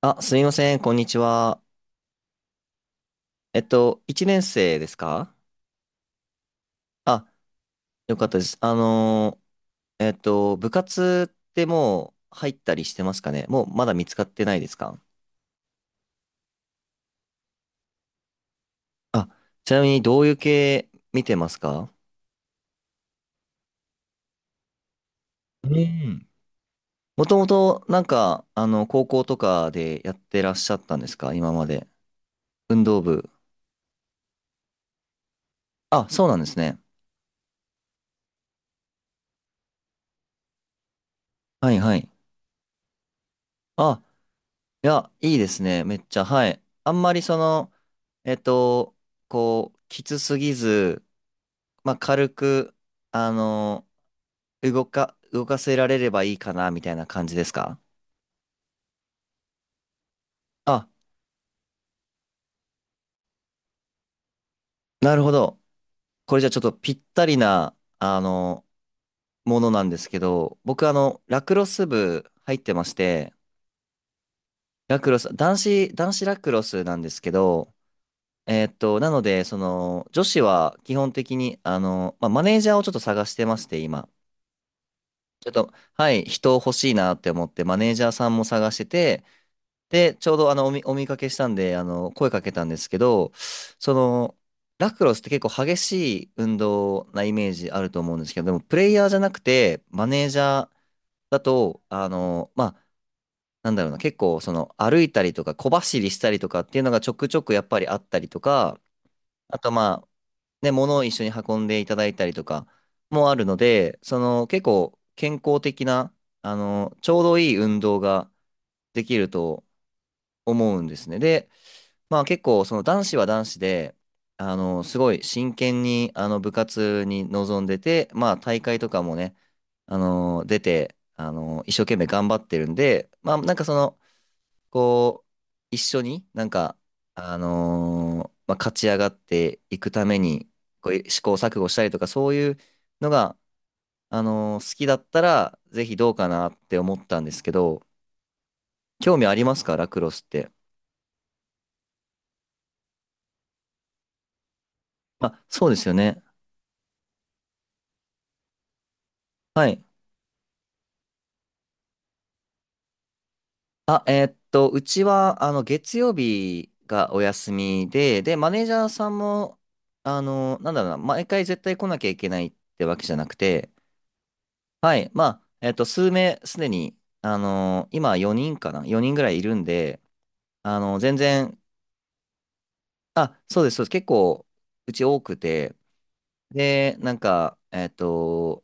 あ、すみません、こんにちは。1年生ですか？あ、よかったです。部活ってもう入ったりしてますかね？もうまだ見つかってないですか？あ、ちなみにどういう系見てますか？うん。もともと高校とかでやってらっしゃったんですか今まで。運動部。あ、そうなんですね。はいはい。あ、いや、いいですね。めっちゃ、はい。あんまりえっと、こう、きつすぎず、まあ、軽く、あの、動かせられればいいかな、みたいな感じですか？あ、なるほど。これじゃあちょっとぴったりな、ものなんですけど、僕、ラクロス部入ってまして、ラクロス、男子、男子ラクロスなんですけど、なので、女子は基本的に、まあ、マネージャーをちょっと探してまして、今。ちょっと、はい、人欲しいなって思って、マネージャーさんも探してて、で、ちょうどお見、お見かけしたんで、声かけたんですけど、その、ラクロスって結構激しい運動なイメージあると思うんですけど、でもプレイヤーじゃなくて、マネージャーだと、まあ、なんだろうな、結構歩いたりとか小走りしたりとかっていうのがちょくちょくやっぱりあったりとか、あとまあ、ね、物を一緒に運んでいただいたりとかもあるので、結構健康的な、ちょうどいい運動ができると、思うんですね。で、まあ結構男子は男子で、すごい真剣に部活に臨んでて、まあ大会とかもね、出て、一生懸命頑張ってるんで、まあこう、一緒にまあ、勝ち上がっていくために、こう試行錯誤したりとか、そういうのが、好きだったら、ぜひどうかなって思ったんですけど、興味ありますかラクロスって？まあ、そうですよね。はい。あ、うちは、月曜日がお休みで、で、マネージャーさんも、なんだろうな、毎回絶対来なきゃいけないってわけじゃなくて、はい。まあ、数名、すでに、今4人かな？ 4 人ぐらいいるんで、全然、あ、そうです、そうです。結構、うち多くて、で、なんか、えーっと、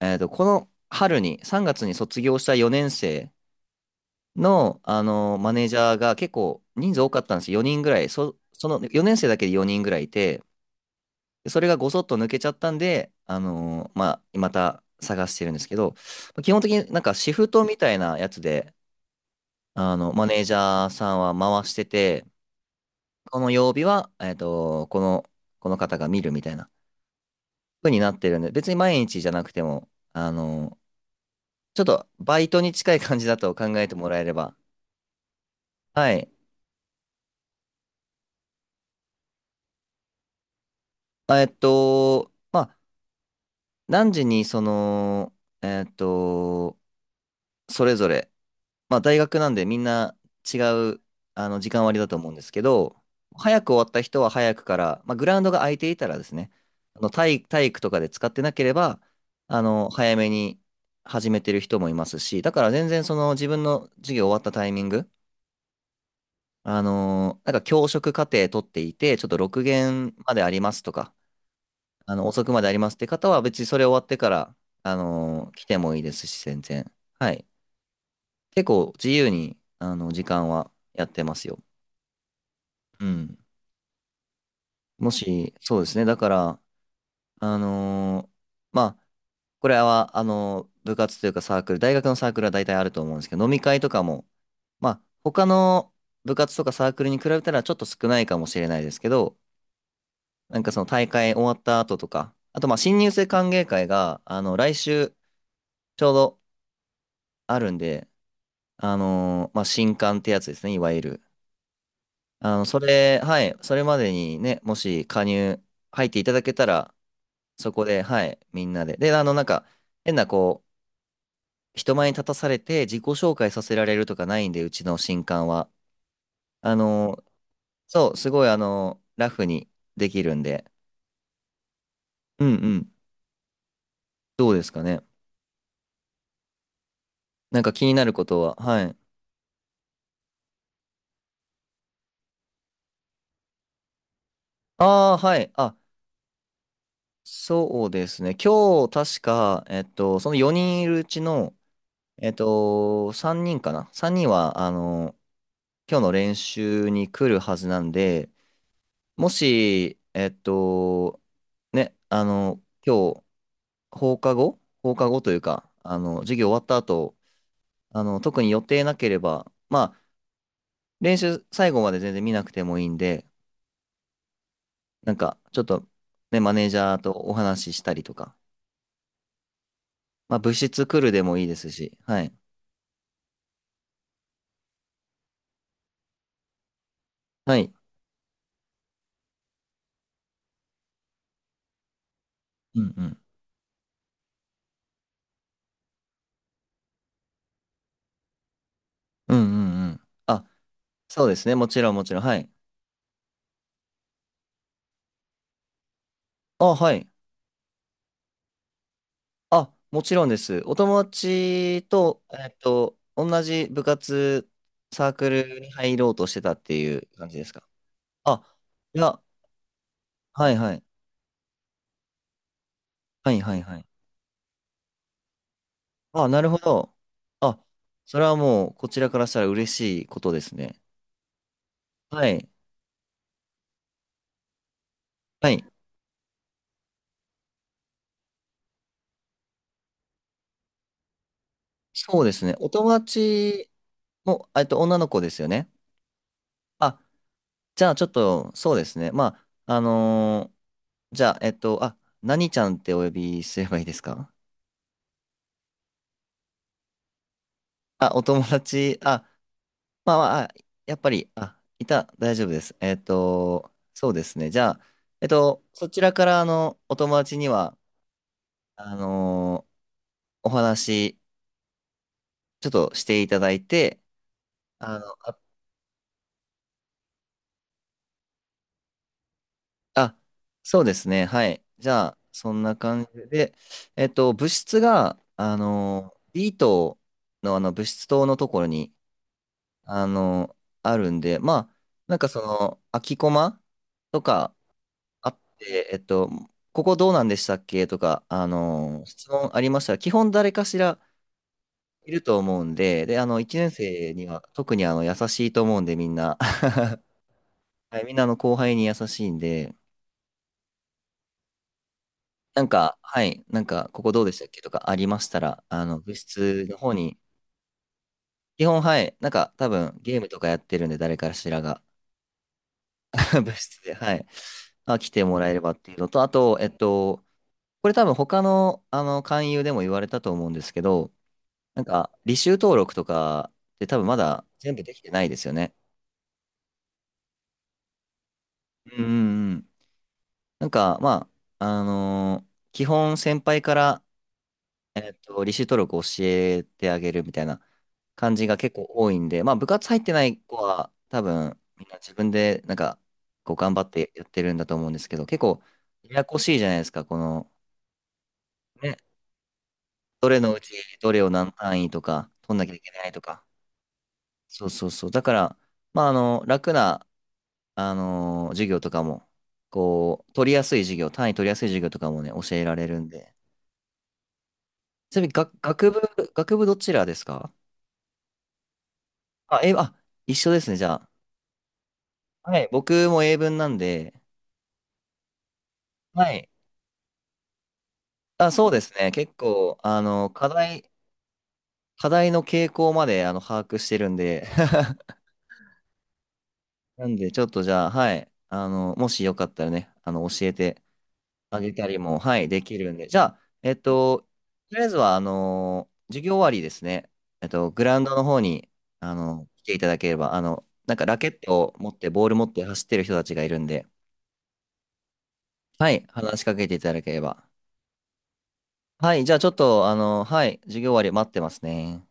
えーっと、この春に、3月に卒業した4年生の、マネージャーが結構人数多かったんですよ。4人ぐらい。その4年生だけで4人ぐらいいて、でそれがごそっと抜けちゃったんで、まあ、また探してるんですけど、基本的にシフトみたいなやつで、マネージャーさんは回してて、この曜日は、この方が見るみたいな風になってるんで、別に毎日じゃなくても、あのーちょっとバイトに近い感じだと考えてもらえれば、はい。まあ何時にえーっと、それぞれ、まあ大学なんでみんな違う、時間割だと思うんですけど、早く終わった人は早くから、まあグラウンドが空いていたらですね、体育とかで使ってなければ、早めに始めてる人もいますし、だから全然自分の授業終わったタイミング、教職課程取っていて、ちょっと6限までありますとか、遅くまでありますって方は、別にそれ終わってから、来てもいいですし、全然。はい。結構自由に、時間はやってますよ。うん。もし、そうですね。だから、あのーまあ、これは、部活というかサークル、大学のサークルは大体あると思うんですけど、飲み会とかも、まあ、他の部活とかサークルに比べたらちょっと少ないかもしれないですけど、大会終わった後とか、あとまあ新入生歓迎会が、来週ちょうどあるんで、まあ、新刊ってやつですね、いわゆる。はい、それまでにね、もし入っていただけたら、そこで、はい、みんなで。で、変な、こう、人前に立たされて自己紹介させられるとかないんで、うちの新刊は。あのそう、すごい、ラフにできるんで。うんうん。どうですかね。なんか気になることは、はい。ああ、はい。あ、そうですね。今日、確か、4人いるうちの、3人かな？ 3 人は、今日の練習に来るはずなんで、もし、ね、今日、放課後というか、授業終わった後、特に予定なければ、まあ、練習最後まで全然見なくてもいいんで、ちょっと、ね、マネージャーとお話ししたりとか、まあ、部室来るでもいいですし、はい。はい。うんうん。うんうんうん。あ、そうですね。もちろんもちろん。はい。あ、はい。あ、もちろんです。お友達と、同じ部活、サークルに入ろうとしてたっていう感じですか？あ、いや、はいはい。はいはいはい。あ、なるほど。あ、それはもう、こちらからしたら嬉しいことですね。はい。はい。そうですね。お友達も、女の子ですよね。あ、じゃあちょっと、そうですね。まあ、じゃあ、あ、何ちゃんってお呼びすればいいですか？あ、お友達、あ、まあまあ、あやっぱり、あ、いた、大丈夫です。そうですね。じゃあ、そちらから、お友達には、あのーお話、ちょっとしていただいて、あの、あ、あ、そうですね。はい。じゃあ、そんな感じで、えっと、物質が、あのー、B 棟の、物質棟のところに、あのーあるんで、まあ、空きコマとか、あって、ここどうなんでしたっけとか、質問ありましたら、基本誰かしらいると思うんで、で、1年生には特に優しいと思うんで、みんな。はい、みんな後輩に優しいんで、はい、ここどうでしたっけとかありましたら、部室の方に、基本、はい、多分、ゲームとかやってるんで、誰かしらが、部室で、はい、まあ、来てもらえればっていうのと、あと、これ多分、他の、勧誘でも言われたと思うんですけど、履修登録とかって多分まだ全部できてないですよね。うんうんうん。まあ、基本先輩から、履修登録を教えてあげるみたいな感じが結構多いんで、まあ、部活入ってない子は多分みんな自分でこう頑張ってやってるんだと思うんですけど、結構ややこしいじゃないですか、ね、どれのうちどれを何単位とか取んなきゃいけないとか。そうそうそう。だから、まあ、楽な、授業とかも、こう、取りやすい授業、単位取りやすい授業とかもね、教えられるんで。ちなみに、学部どちらですか？あ、一緒ですね、じゃあ。はい、僕も英文なんで、はい。あ、そうですね、結構、課題の傾向まで、把握してるんで、なんで、ちょっとじゃあ、はい、もしよかったらね、教えてあげたりも、はい、できるんで。じゃあ、とりあえずは、授業終わりですね。グラウンドの方に、来ていただければ、ラケットを持って、ボール持って走ってる人たちがいるんで、はい、話しかけていただければ。はい、じゃあちょっと、はい、授業終わり待ってますね。